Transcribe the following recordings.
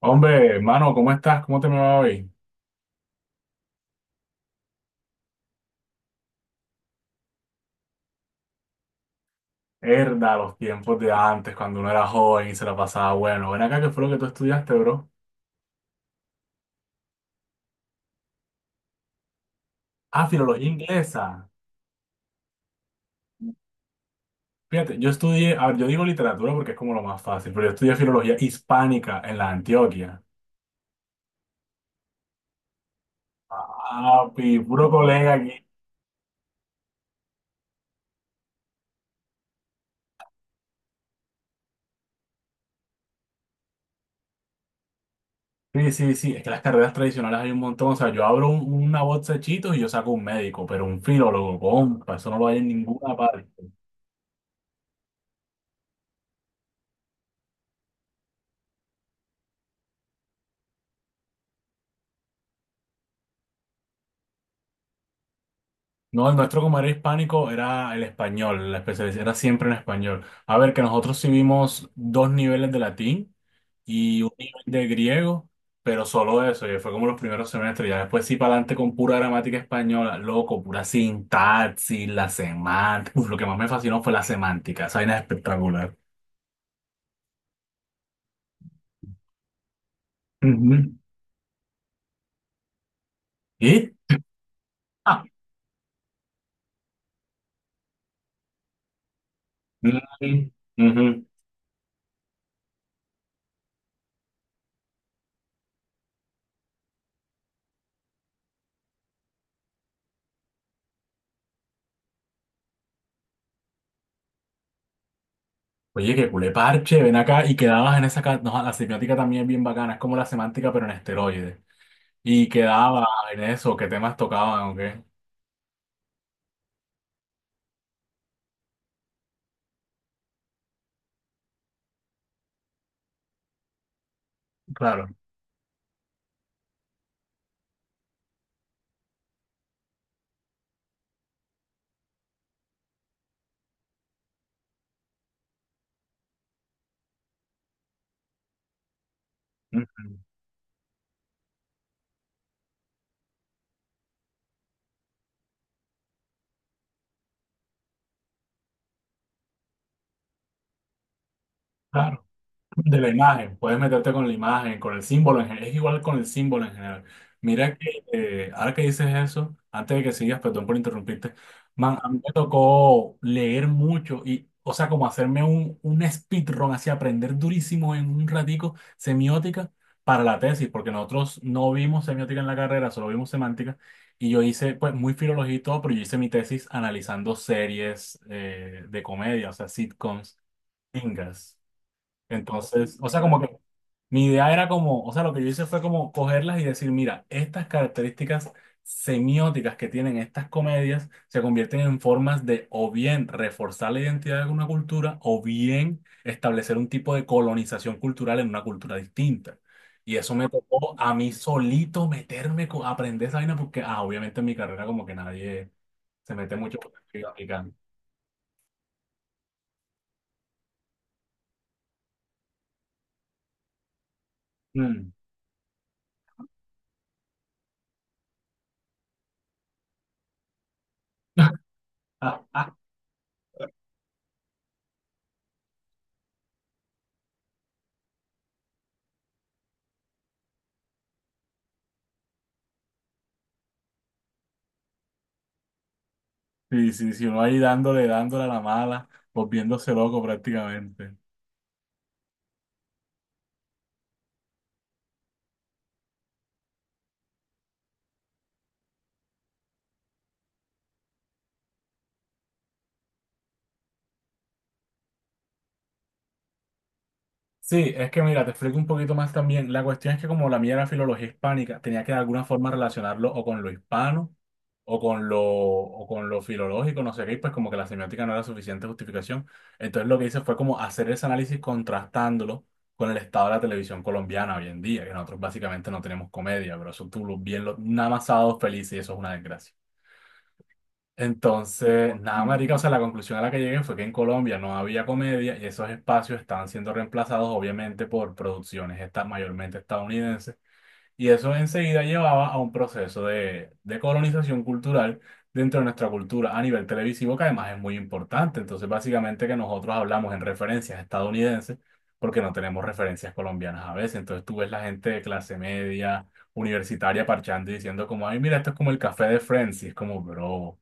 Hombre, hermano, ¿cómo estás? ¿Cómo te me va hoy? Herda, los tiempos de antes, cuando uno era joven y se la pasaba bueno. Ven acá, ¿qué fue lo que tú estudiaste, bro? Ah, filología inglesa. Fíjate, yo estudié, a ver, yo digo literatura porque es como lo más fácil, pero yo estudié filología hispánica en la Antioquia. Papi, puro colega aquí. Sí, sí, sí, es que las carreras tradicionales hay un montón. O sea, yo abro una bolsa de Cheetos y yo saco un médico, pero un filólogo, compa, eso no lo hay en ninguna parte. No, el nuestro como era hispánico era el español, la especialidad era siempre en español. A ver, que nosotros sí vimos dos niveles de latín y un nivel de griego, pero solo eso, y fue como los primeros semestres, ya después sí para adelante con pura gramática española, loco, pura sintaxis, la semántica. Uf, lo que más me fascinó fue la semántica, esa vaina es espectacular. Ujú. ¿Y? Ah, ujú, ujú. Oye, que culé parche, ven acá y quedabas en esa... ca- No, la semiótica también es bien bacana, es como la semántica pero en esteroides. Y quedaba en eso, qué temas tocaban o qué. Claro. Ujú. Claro. De la imagen, puedes meterte con la imagen, con el símbolo en general, es igual con el símbolo en general. Mira que ahora que dices eso, antes de que sigas, perdón por interrumpirte, man, a mí me tocó leer mucho y, o sea, como hacerme un speedrun, así aprender durísimo en un ratico semiótica para la tesis, porque nosotros no vimos semiótica en la carrera, solo vimos semántica, y yo hice, pues, muy filología y todo, pero yo hice mi tesis analizando series de comedia, o sea, sitcoms, gringas. Entonces, o sea, como que mi idea era como, o sea, lo que yo hice fue como cogerlas y decir, mira, estas características semióticas que tienen estas comedias se convierten en formas de o bien reforzar la identidad de una cultura o bien establecer un tipo de colonización cultural en una cultura distinta. Y eso me tocó a mí solito meterme, co- aprender esa vaina porque, ah, obviamente en mi carrera como que nadie se mete mucho con lo que estoy aplicando. Mm. Sí, sí, sí, uno ahí dándole, dándole a la mala, volviéndose loco prácticamente. Sí, es que mira, te explico un poquito más también. La cuestión es que como la mía era filología hispánica, tenía que de alguna forma relacionarlo o con lo hispano o con lo filológico, no sé qué, y pues como que la semiótica no era suficiente justificación. Entonces lo que hice fue como hacer ese análisis contrastándolo con el estado de la televisión colombiana hoy en día, que nosotros básicamente no tenemos comedia, pero eso tú lo- bien, lo, nada más sábados felices y eso es una desgracia. Entonces, nada, marica, o sea, la conclusión a la que llegué fue que en Colombia no había comedia y esos espacios estaban siendo reemplazados, obviamente, por producciones esta- mayormente estadounidenses. Y eso enseguida llevaba a un proceso de colonización cultural dentro de nuestra cultura a nivel televisivo, que además es muy importante. Entonces, básicamente que nosotros hablamos en referencias estadounidenses porque no tenemos referencias colombianas a veces. Entonces, tú ves la gente de clase media, universitaria, parchando y diciendo como, ay, mira, esto es como el café de Friends. Y es como, bro.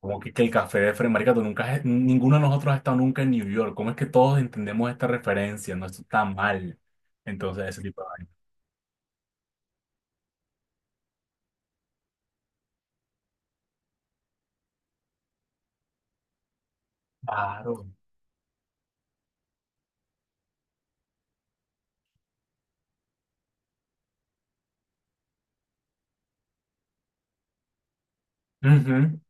Como que el café de Fred, marica, tú nunca has- ninguno de nosotros ha estado nunca en New York. ¿Cómo es que todos entendemos esta referencia? No, esto está mal. Entonces, ese tipo de vaina. Claro. Ujú.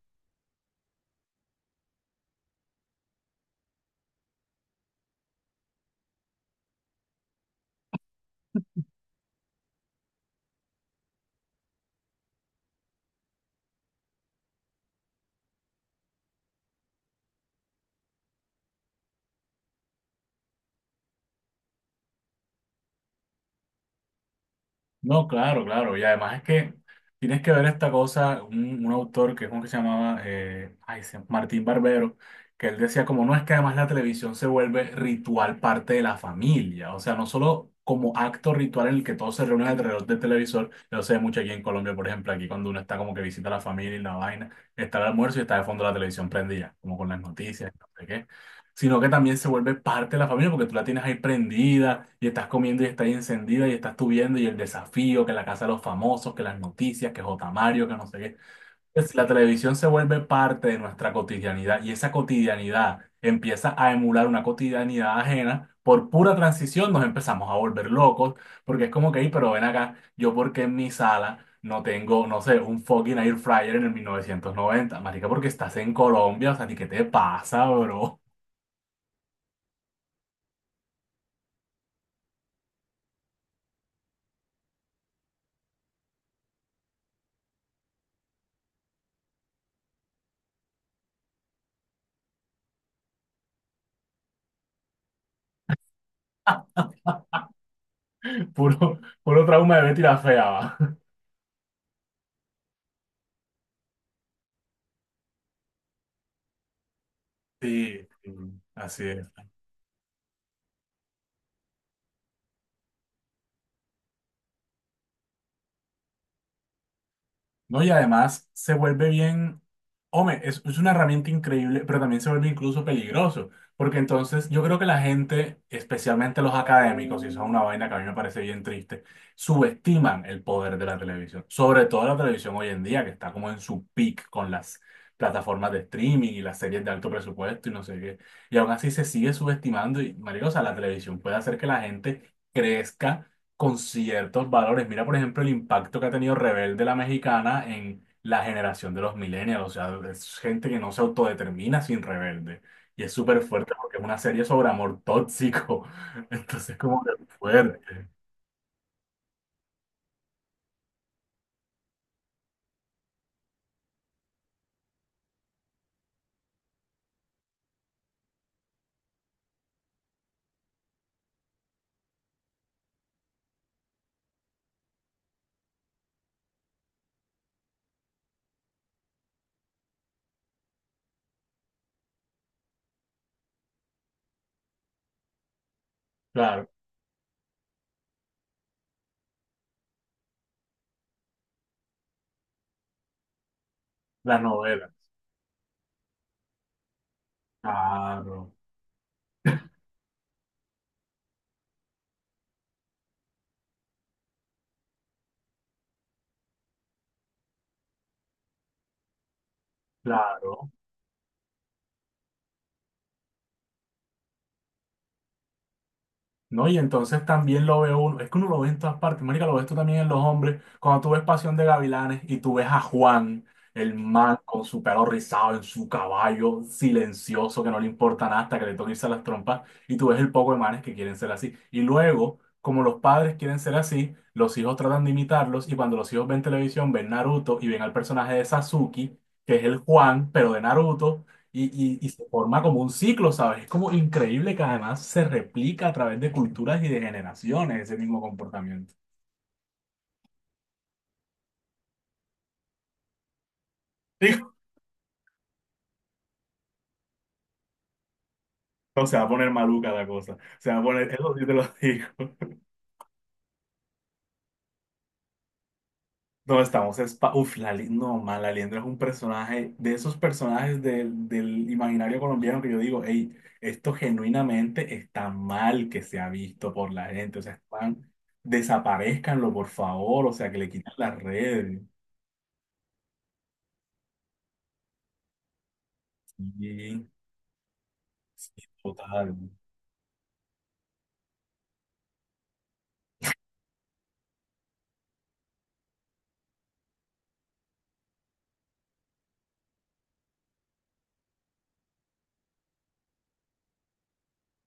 No, claro, claro. Y además es que tienes que ver esta cosa, un autor que es uno que se llamaba ay, se- Martín Barbero, que él decía como no es que además la televisión se vuelve ritual parte de la familia, o sea, no solo como acto ritual en el que todos se reúnen alrededor del televisor, yo sé mucho aquí en Colombia, por ejemplo, aquí cuando uno está como que visita a la familia y la vaina, está el almuerzo y está de fondo la televisión prendida, como con las noticias, no sé qué, sino que también se vuelve parte de la familia porque tú la tienes ahí prendida y estás comiendo y está ahí encendida y estás tú viendo y el desafío, que la casa de los famosos, que las noticias, que J. Mario, que no sé qué. Pues la televisión se vuelve parte de nuestra cotidianidad y esa cotidianidad empieza a emular una cotidianidad ajena. Por pura transición nos empezamos a volver locos porque es como que, "Ey, pero ven acá, yo porque en mi sala no tengo, no sé, un fucking air fryer en el 1990, marica, porque estás en Colombia, o sea, ni qué te pasa, bro? Puro, puro trauma de Betty la fea, va. Sí, así es. No, y además se vuelve bien, hombre, es una herramienta increíble, pero también se vuelve incluso peligroso, porque entonces yo creo que la gente, especialmente los académicos, y eso es una vaina que a mí me parece bien triste, subestiman el poder de la televisión, sobre todo la televisión hoy en día, que está como en su peak con las plataformas de streaming y las series de alto presupuesto y no sé qué, y aún así se sigue subestimando y, marico, o sea, la televisión puede hacer que la gente crezca con ciertos valores. Mira, por ejemplo, el impacto que ha tenido Rebelde la Mexicana en la generación de los millennials. O sea, es gente que no se autodetermina sin Rebelde. Y es súper fuerte porque es una serie sobre amor tóxico. Entonces, como que fuerte. Claro, las novelas. Claro, claro. ¿No? Y entonces también lo ve uno, es que uno lo ve en todas partes, marica, lo ves tú también en los hombres, cuando tú ves Pasión de Gavilanes y tú ves a Juan, el man con su pelo rizado en su caballo, silencioso, que no le importa nada hasta que le toque irse a las trompas, y tú ves el poco de manes que quieren ser así. Y luego, como los padres quieren ser así, los hijos tratan de imitarlos, y cuando los hijos ven televisión, ven Naruto y ven al personaje de Sasuke, que es el Juan, pero de Naruto, y, y se forma como un ciclo, ¿sabes? Es como increíble que además se replica a través de culturas y de generaciones ese mismo comportamiento. Digo, no, se va a poner maluca la cosa. Se va a poner, eso sí te lo digo. No, estamos, espa uf, la, Li- no, man, la Liendra es un personaje, de esos personajes del, del imaginario colombiano que yo digo, hey, esto genuinamente está mal que se ha visto por la gente, o sea, están, desaparezcanlo, por favor, o sea, que le quitan las redes. Sí, total.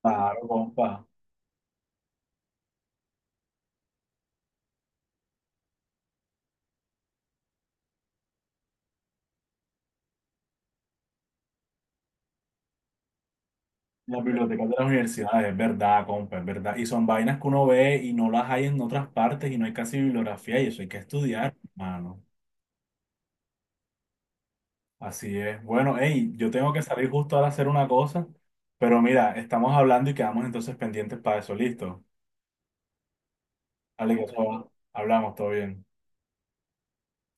Claro, compa. Las bibliotecas de las universidades, es verdad, compa, es verdad. Y son vainas que uno ve y no las hay en otras partes y no hay casi bibliografía y eso hay que estudiar, mano. Así es. Bueno, hey, yo tengo que salir justo ahora a hacer una cosa, pero mira, estamos hablando y quedamos entonces pendientes para eso. Listo. Dale, que eso va. Hablamos, todo bien.